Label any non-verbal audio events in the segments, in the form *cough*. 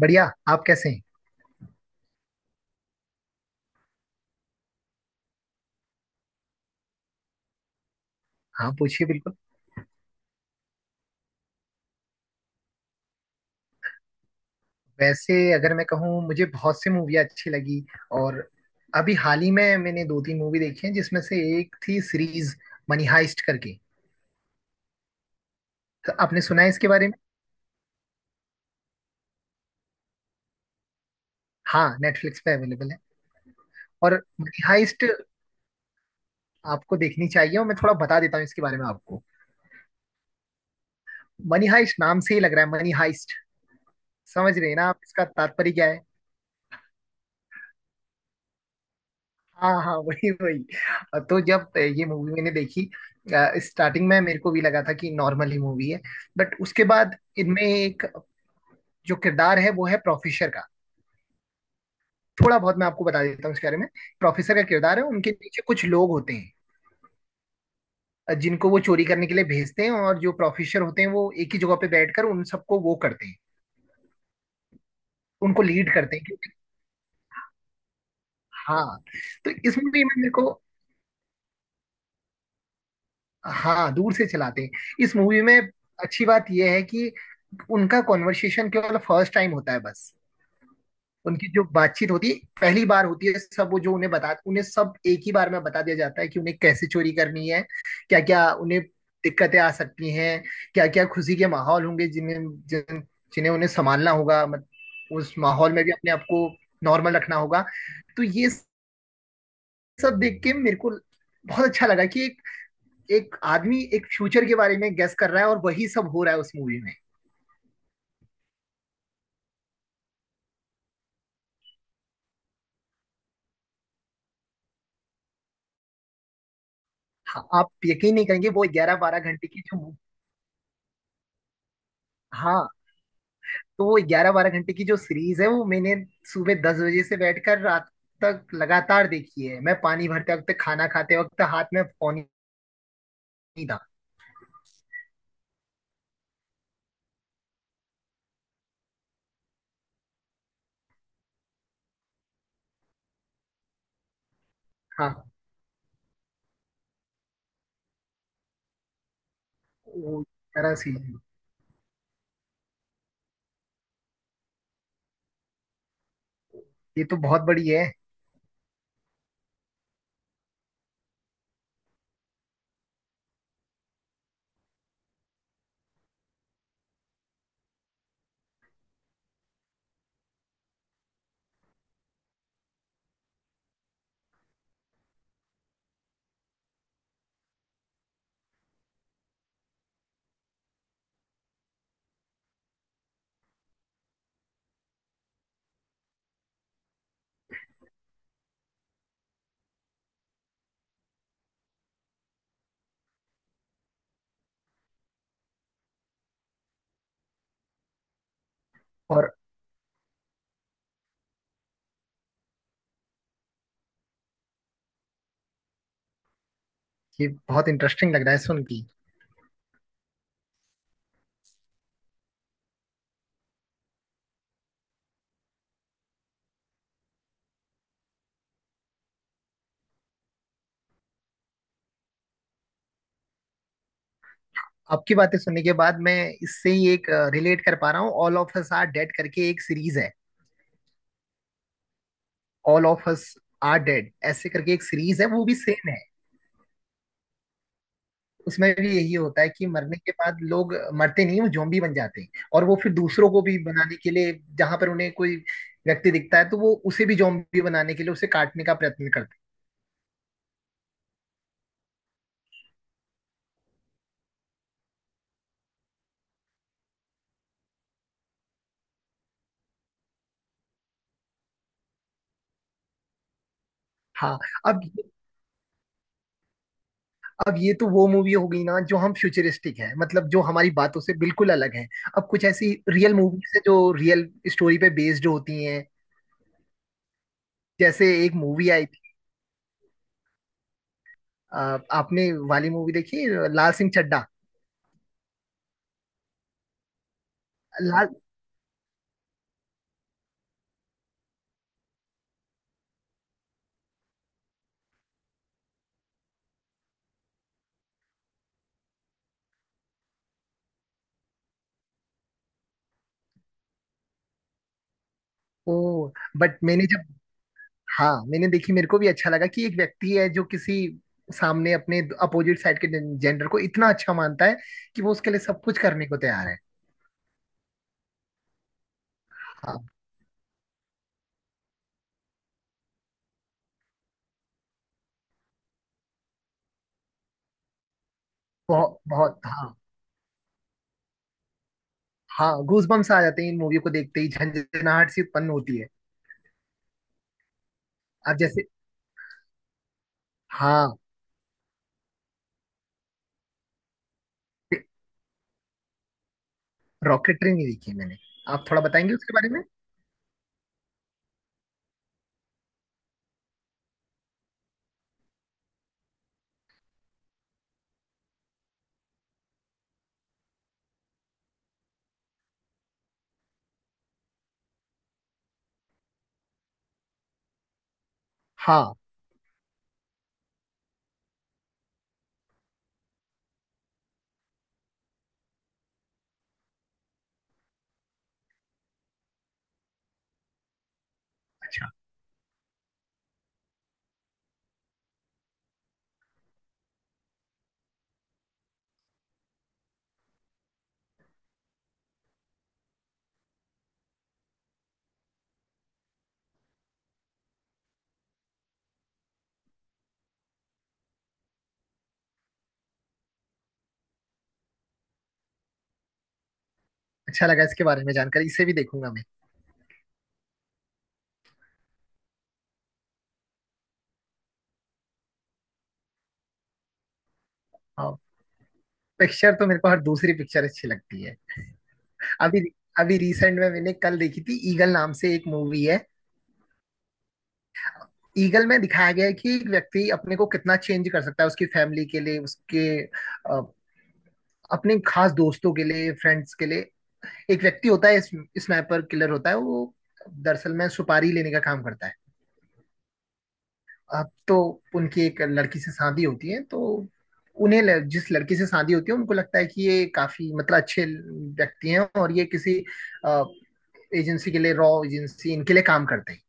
बढ़िया। आप कैसे हैं? हाँ, पूछिए बिल्कुल। वैसे अगर मैं कहूँ मुझे बहुत सी मूवी अच्छी लगी और अभी हाल ही में मैंने दो तीन मूवी देखी हैं जिसमें से एक थी सीरीज मनी हाइस्ट करके। तो आपने सुना है इसके बारे में? हाँ, नेटफ्लिक्स पे अवेलेबल है। और मनी हाइस्ट आपको देखनी चाहिए और मैं थोड़ा बता देता हूँ इसके बारे में आपको। मनी हाइस्ट नाम से ही लग रहा है, मनी हाइस्ट। समझ रहे हैं ना आप इसका तात्पर्य क्या है? हाँ हाँ *laughs* वही वही। तो जब ये मूवी मैंने देखी, स्टार्टिंग में मेरे को भी लगा था कि नॉर्मल ही मूवी है, बट उसके बाद इनमें एक जो किरदार है वो है प्रोफेसर का। थोड़ा बहुत मैं आपको बता देता हूँ इसके बारे में। प्रोफेसर का किरदार है, उनके पीछे कुछ लोग होते हैं, जिनको वो चोरी करने के लिए भेजते हैं, और जो प्रोफेसर होते हैं वो एक ही जगह पे बैठकर उन सबको वो करते हैं, उनको लीड करते हैं क्योंकि हाँ। तो इस मूवी में मेरे को, हाँ दूर से चलाते हैं। इस मूवी में अच्छी बात यह है कि उनका कॉन्वर्सेशन केवल फर्स्ट टाइम होता है बस। उनकी जो बातचीत होती है पहली बार होती है, सब वो जो उन्हें बता, उन्हें सब एक ही बार में बता दिया जाता है कि उन्हें कैसे चोरी करनी है, क्या क्या उन्हें दिक्कतें आ सकती हैं, क्या क्या खुशी के माहौल होंगे जिन्हें, जिन, जिन्हें उन्हें संभालना होगा, मत, उस माहौल में भी अपने आप को नॉर्मल रखना होगा। तो ये सब देख के मेरे को बहुत अच्छा लगा कि एक एक आदमी एक फ्यूचर के बारे में गेस कर रहा है और वही सब हो रहा है उस मूवी में। हाँ, आप यकीन नहीं करेंगे वो 11 12 घंटे की जो हाँ। तो वो 11 12 घंटे की जो सीरीज है वो मैंने सुबह 10 बजे से बैठकर रात तक लगातार देखी है। मैं पानी भरते वक्त, खाना खाते वक्त हाथ में फोन ही नहीं था। हाँ, वो तरह से ये तो बहुत बड़ी है। और ये बहुत इंटरेस्टिंग लग रहा है सुन के। आपकी बातें सुनने के बाद मैं इससे ही एक रिलेट कर पा रहा हूँ, all of us are dead करके एक सीरीज है। All of us are dead ऐसे करके एक सीरीज है, वो भी सेम है। उसमें भी यही होता है कि मरने के बाद लोग मरते नहीं, वो जोम्बी बन जाते हैं, और वो फिर दूसरों को भी बनाने के लिए जहां पर उन्हें कोई व्यक्ति दिखता है तो वो उसे भी जोम्बी बनाने के लिए उसे काटने का प्रयत्न करते हैं। हाँ। अब अब ये तो वो मूवी हो गई ना जो हम फ्यूचरिस्टिक है, मतलब जो हमारी बातों से बिल्कुल अलग है। अब कुछ ऐसी रियल मूवीज है जो रियल स्टोरी पे बेस्ड होती हैं, जैसे एक मूवी आई थी, आपने वाली मूवी देखी है, लाल सिंह चड्ढा। लाल, ओ बट मैंने जब, हाँ मैंने देखी, मेरे को भी अच्छा लगा कि एक व्यक्ति है जो किसी सामने अपने अपोजिट साइड के जेंडर को इतना अच्छा मानता है कि वो उसके लिए सब कुछ करने को तैयार है। हाँ बहुत बहुत, हाँ। हाँ, गूजबम्स आ जाते हैं इन मूवी को देखते ही, झंझनाहट सी उत्पन्न होती है। अब जैसे, हाँ। रॉकेटरी नहीं देखी है मैंने, आप थोड़ा बताएंगे उसके बारे में? हाँ, अच्छा लगा इसके बारे में जानकारी, इसे भी देखूंगा मैं। हाँ, पिक्चर तो मेरे को हर दूसरी पिक्चर अच्छी लगती है। अभी, अभी रिसेंट में मैंने कल देखी थी, ईगल नाम से एक मूवी है। ईगल में दिखाया गया है कि एक व्यक्ति अपने को कितना चेंज कर सकता है उसकी फैमिली के लिए, उसके अ, अपने खास दोस्तों के लिए, फ्रेंड्स के लिए। एक व्यक्ति होता है, स्नाइपर किलर होता है वो, दरअसल में सुपारी लेने का काम करता है। अब तो उनकी एक लड़की से शादी होती है, तो उन्हें जिस लड़की से शादी होती है उनको लगता है कि ये काफी मतलब अच्छे व्यक्ति हैं और ये किसी एजेंसी के लिए, रॉ एजेंसी इनके लिए काम करते हैं।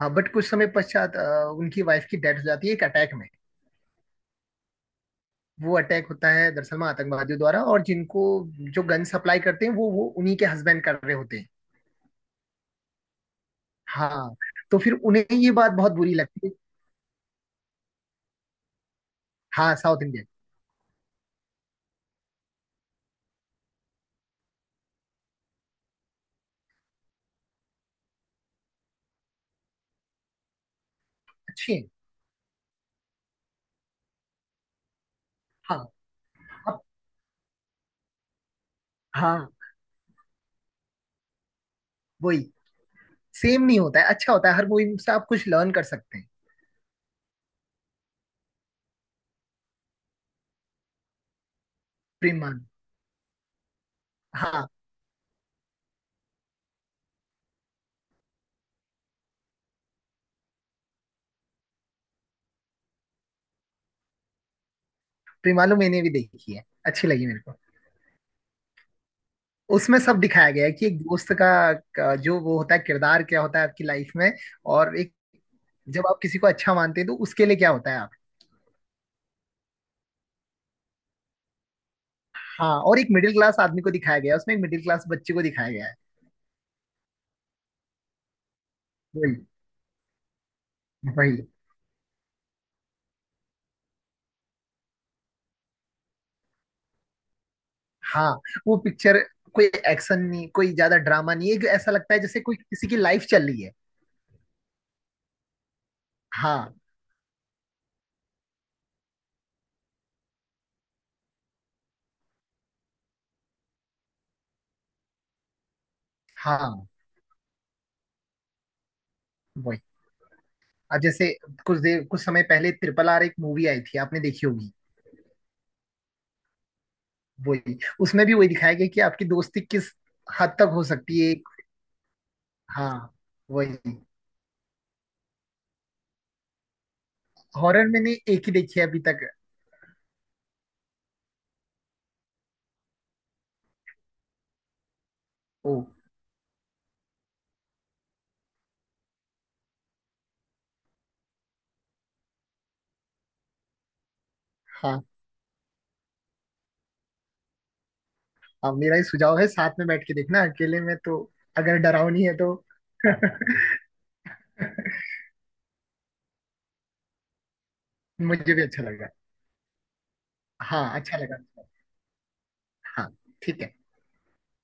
हाँ बट कुछ समय पश्चात उनकी वाइफ की डेथ हो जाती है एक अटैक में। वो अटैक होता है दरअसल में आतंकवादियों द्वारा, और जिनको जो गन सप्लाई करते हैं वो उन्हीं के हस्बैंड कर रहे होते हैं। हाँ, तो फिर उन्हें ये बात बहुत बुरी लगती है। हाँ साउथ इंडियन, अच्छी है। हाँ, अब हाँ। वही, सेम नहीं होता है, अच्छा होता है, हर मूवी से आप कुछ लर्न कर सकते हैं। प्रेमालू, हाँ प्रेमालू मैंने भी देखी है, अच्छी लगी मेरे को। उसमें सब दिखाया गया है कि एक दोस्त का जो वो होता है, किरदार क्या होता है आपकी लाइफ में। और एक, जब आप किसी को अच्छा मानते हैं तो उसके लिए क्या होता है आप? हाँ, और एक मिडिल क्लास आदमी को दिखाया गया है उसमें, एक मिडिल क्लास बच्चे को दिखाया गया है। वही वही। हाँ वो पिक्चर, कोई एक्शन नहीं, कोई ज्यादा ड्रामा नहीं, एक ऐसा लगता है जैसे कोई किसी की लाइफ चल रही है। हाँ हाँ। वही, अब जैसे कुछ देर कुछ समय पहले ट्रिपल आर एक मूवी आई थी, आपने देखी होगी। वही, उसमें भी वही दिखाया गया कि आपकी दोस्ती किस हद तक हो सकती है। हाँ। वही, हॉरर मैंने एक ही देखी है अभी तक। ओ, हाँ, अब मेरा ही सुझाव है साथ में बैठ के देखना, अकेले में तो, अगर डरावनी है तो। *laughs* मुझे भी अच्छा लगा। हाँ अच्छा लगा। हाँ, ठीक है।